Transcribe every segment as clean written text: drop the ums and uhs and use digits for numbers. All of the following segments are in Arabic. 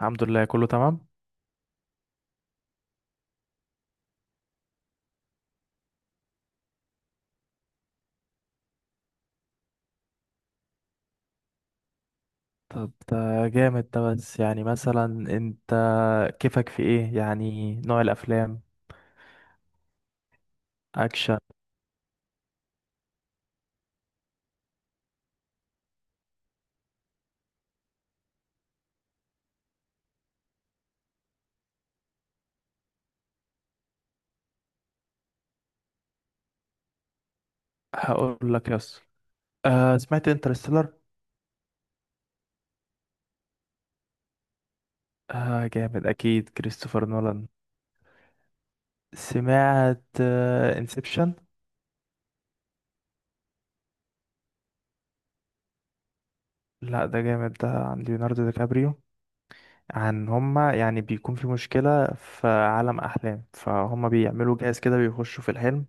الحمد لله، كله تمام. طب، ده جامد ده بس. يعني مثلا انت كيفك في ايه يعني نوع الافلام؟ اكشن. هقول لك يس. آه، سمعت انترستيلر. آه جامد، اكيد كريستوفر نولان. سمعت انسبشن. لا، ده جامد، ده عن ليوناردو دي كابريو. عن هما يعني بيكون في مشكلة في عالم أحلام، فهما بيعملوا جهاز كده بيخشوا في الحلم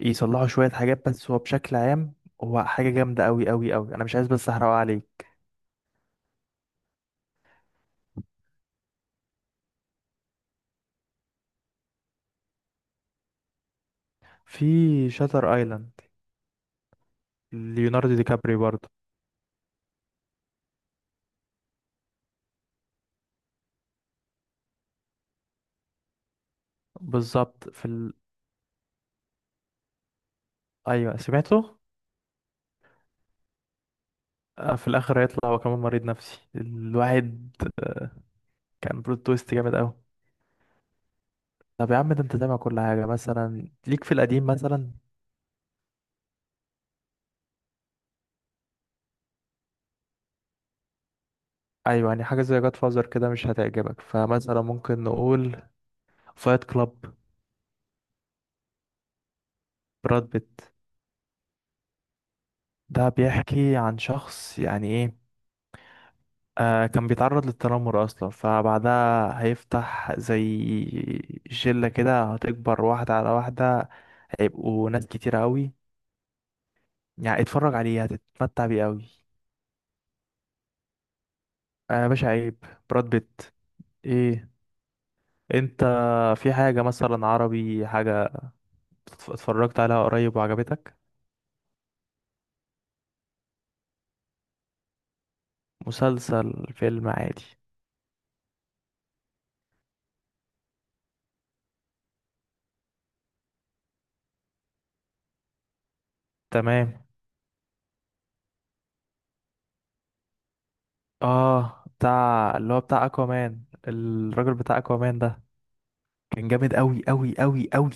يصلحوا شوية حاجات، بس هو بشكل عام هو حاجة جامدة أوي أوي أوي. أنا مش عايز بس أحرقها عليك. في شاتر ايلاند، ليوناردو دي كابري برضه. بالظبط في ايوه، سمعته. في الاخر هيطلع هو كمان مريض نفسي الواحد. كان بلوت تويست جامد قوي. طب يا عم، ده انت سامع كل حاجه مثلا؟ ليك في القديم مثلا؟ ايوه، يعني حاجه زي جاد فازر كده مش هتعجبك، فمثلا ممكن نقول فايت كلاب. براد بيت. ده بيحكي عن شخص، يعني ايه، آه، كان بيتعرض للتنمر اصلا، فبعدها هيفتح زي شلة كده هتكبر واحدة على واحدة، هيبقوا ناس كتيرة قوي. يعني اتفرج عليه هتتمتع بيه قوي. انا باشا، عيب. براد بيت. ايه. انت في حاجة مثلا عربي، حاجة اتفرجت عليها قريب وعجبتك؟ مسلسل، فيلم، عادي. تمام. اه، بتاع اللي هو بتاع اكوامان، الراجل بتاع اكوامان ده كان جامد قوي قوي قوي قوي.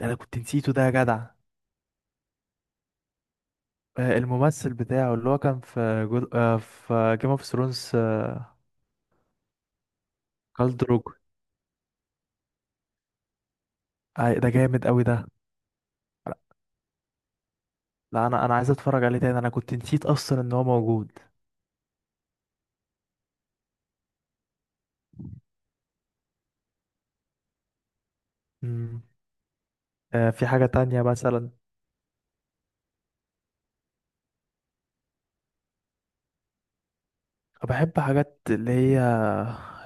ده انا كنت نسيته ده يا جدع. آه، الممثل بتاعه اللي هو كان في جود... آه، في جيم اوف ثرونز. كال دروجو. ده جامد قوي ده. لا، انا عايز اتفرج عليه تاني، انا كنت نسيت اصلا ان هو موجود. مم. في حاجة تانية مثلا؟ بحب حاجات اللي هي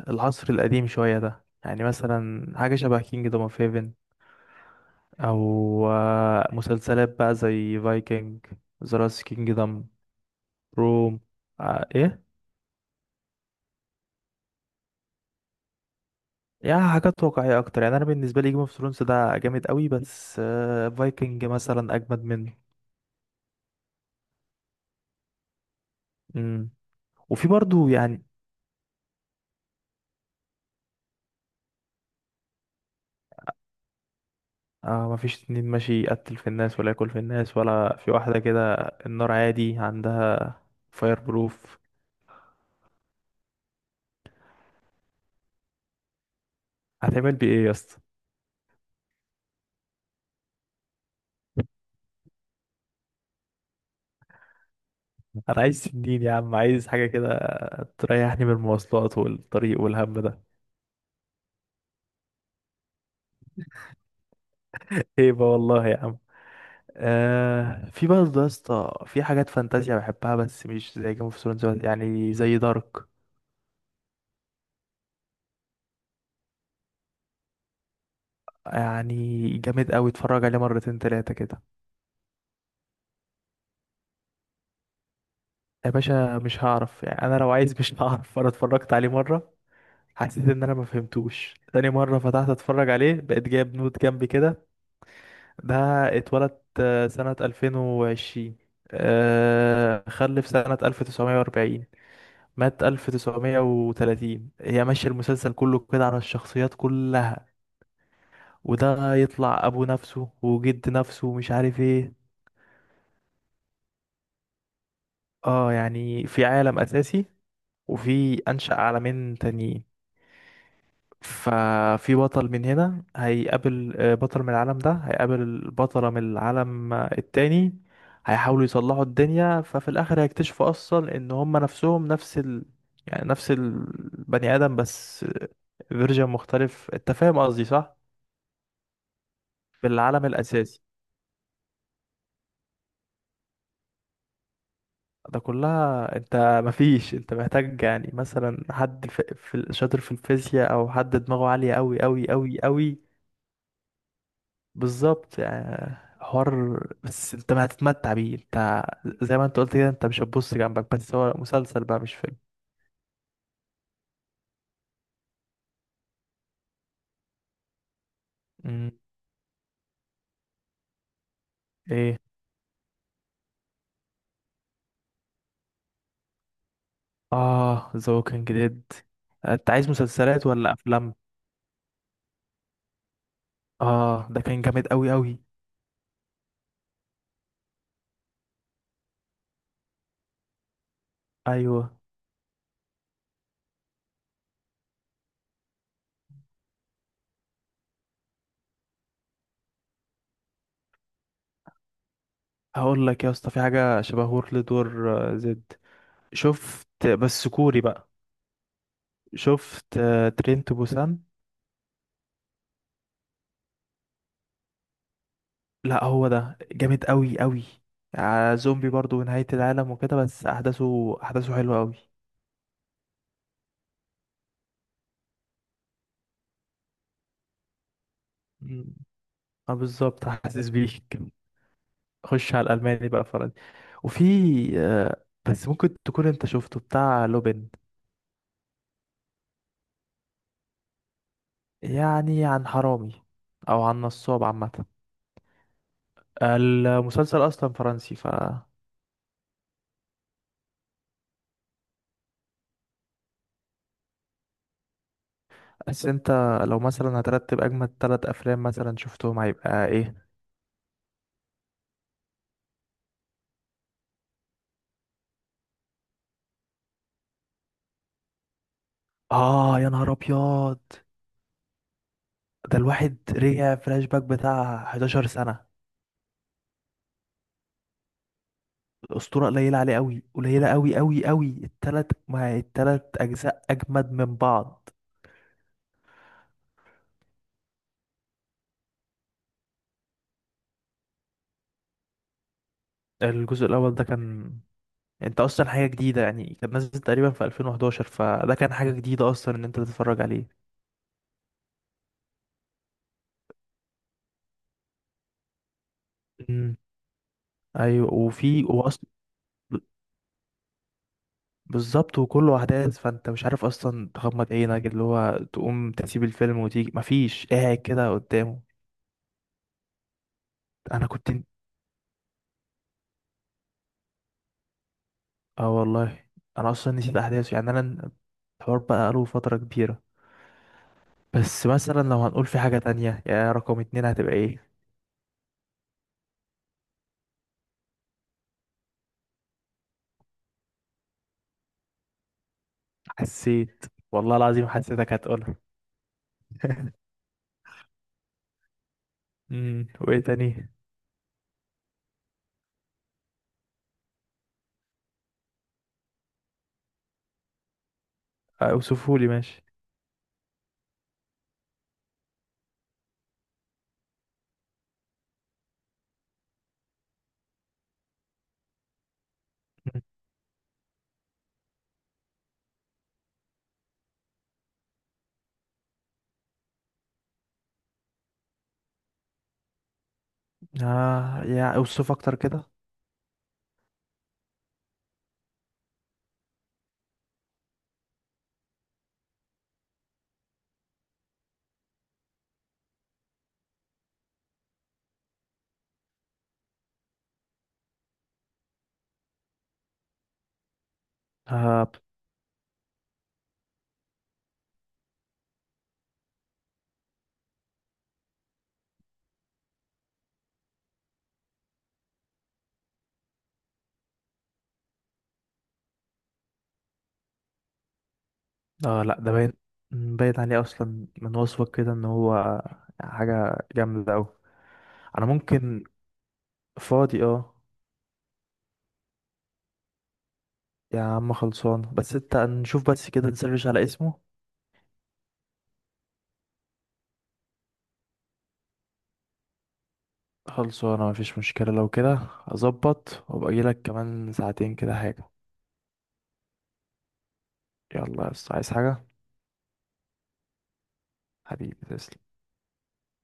العصر القديم شوية ده، يعني مثلا حاجة شبه كينج دوم اوف هيفن. او مسلسلات بقى زي فايكنج، ذا لاست كينجدم، روم. ايه. يعني حاجات واقعية أكتر، يعني أنا بالنسبة لي جيم اوف ثرونز ده جامد قوي، بس فايكنج مثلا أجمد منه. امم. وفي برضو يعني مفيش اتنين ماشي يقتل في الناس ولا ياكل في الناس ولا في واحدة كده النار عادي عندها. فاير بروف. هتعمل بيه ايه يا اسطى؟ أنا عايز سنين يا عم، عايز حاجة كده تريحني من المواصلات والطريق والهم ده. هيبة والله يا عم. في برضه يا اسطى في حاجات فانتازيا بحبها، بس مش زي جيم اوف ثرونز، يعني زي دارك. يعني جامد قوي، اتفرج عليه مرتين تلاتة كده. يا باشا مش هعرف، يعني انا لو عايز مش هعرف. انا اتفرجت عليه مرة، حسيت ان انا ما فهمتوش. تاني مرة فتحت اتفرج عليه بقيت جايب نوت جنبي كده. ده اتولد سنة 2020، خلف سنة 1940، مات 1930. هي ماشية المسلسل كله كده على الشخصيات كلها، وده يطلع ابو نفسه وجد نفسه ومش عارف ايه. اه، يعني في عالم اساسي، وفي أنشأ عالمين تانيين. ففي بطل من هنا هيقابل بطل من العالم ده، هيقابل بطلة من العالم التاني، هيحاولوا يصلحوا الدنيا. ففي الآخر هيكتشفوا أصلا إن هما نفسهم نفس يعني نفس البني آدم، بس فيرجن مختلف. أنت فاهم قصدي صح؟ في العالم الأساسي. ده كلها انت، مفيش، انت محتاج يعني مثلا حد في شاطر في الفيزياء، او حد دماغه عالية قوي قوي قوي قوي. بالظبط، يعني حوار بس انت ما هتتمتع بيه. انت زي ما انت قلت كده، انت مش هتبص جنبك، بس هو مسلسل بقى مش فيلم. مم. ايه. اه، ذا ووكينج ديد. انت عايز مسلسلات ولا افلام؟ اه، ده كان جامد قوي قوي. ايوه. هقول لك يا اسطى، في حاجه شبه وورلد وور، زد. شفت، بس كوري بقى. شفت ترين تو بوسان. لا، هو ده جامد قوي قوي، زومبي برضو ونهاية العالم وكده، بس احداثه احداثه حلوه قوي. مم. اه، بالظبط حاسس بيك. خش على الالماني بقى، فرنسي. وفي آه، بس ممكن تكون انت شفته بتاع لوبين. يعني عن حرامي، او عن نصاب عامه. المسلسل اصلا فرنسي ف. بس انت، لو مثلا هترتب اجمد ثلاث افلام مثلا شفتهم، هيبقى ايه؟ اه، يا نهار ابيض، ده الواحد رجع فلاش باك بتاع 11 سنه. الاسطوره قليله عليه قوي، قليله قوي قوي قوي. الثلاث، ما الثلاث اجزاء اجمد من بعض. الجزء الاول ده كان انت اصلا حاجه جديده، يعني كان نازل تقريبا في 2011، فده كان حاجه جديده اصلا ان انت تتفرج عليه. امم. ايوه، وفي واصل. بالظبط، وكله احداث، فانت مش عارف اصلا تغمض عينك، اللي هو تقوم تسيب الفيلم وتيجي، مفيش، قاعد كده قدامه. انا كنت، اه والله انا اصلا نسيت احداثه، يعني انا الحوار بقى له فتره كبيره. بس مثلا لو هنقول في حاجه تانية، يا رقم اتنين هتبقى ايه؟ حسيت، والله العظيم حسيتك هتقولها. امم. وايه تاني؟ اوصفهولي ماشي. مم. آه، يا اوصف اكتر كده. آه، آه، لا ده باين، باين عليه اصلا من وصفك كده ان هو حاجة جامدة اوي. انا ممكن، فاضي اه. يا عم خلصان، بس انت نشوف بس كده، نسرش على اسمه. خلصانة، مفيش مشكلة. لو كده اظبط وابقى اجيلك كمان ساعتين كده حاجة. يلا يا اسطى، عايز حاجة؟ حبيبي تسلم.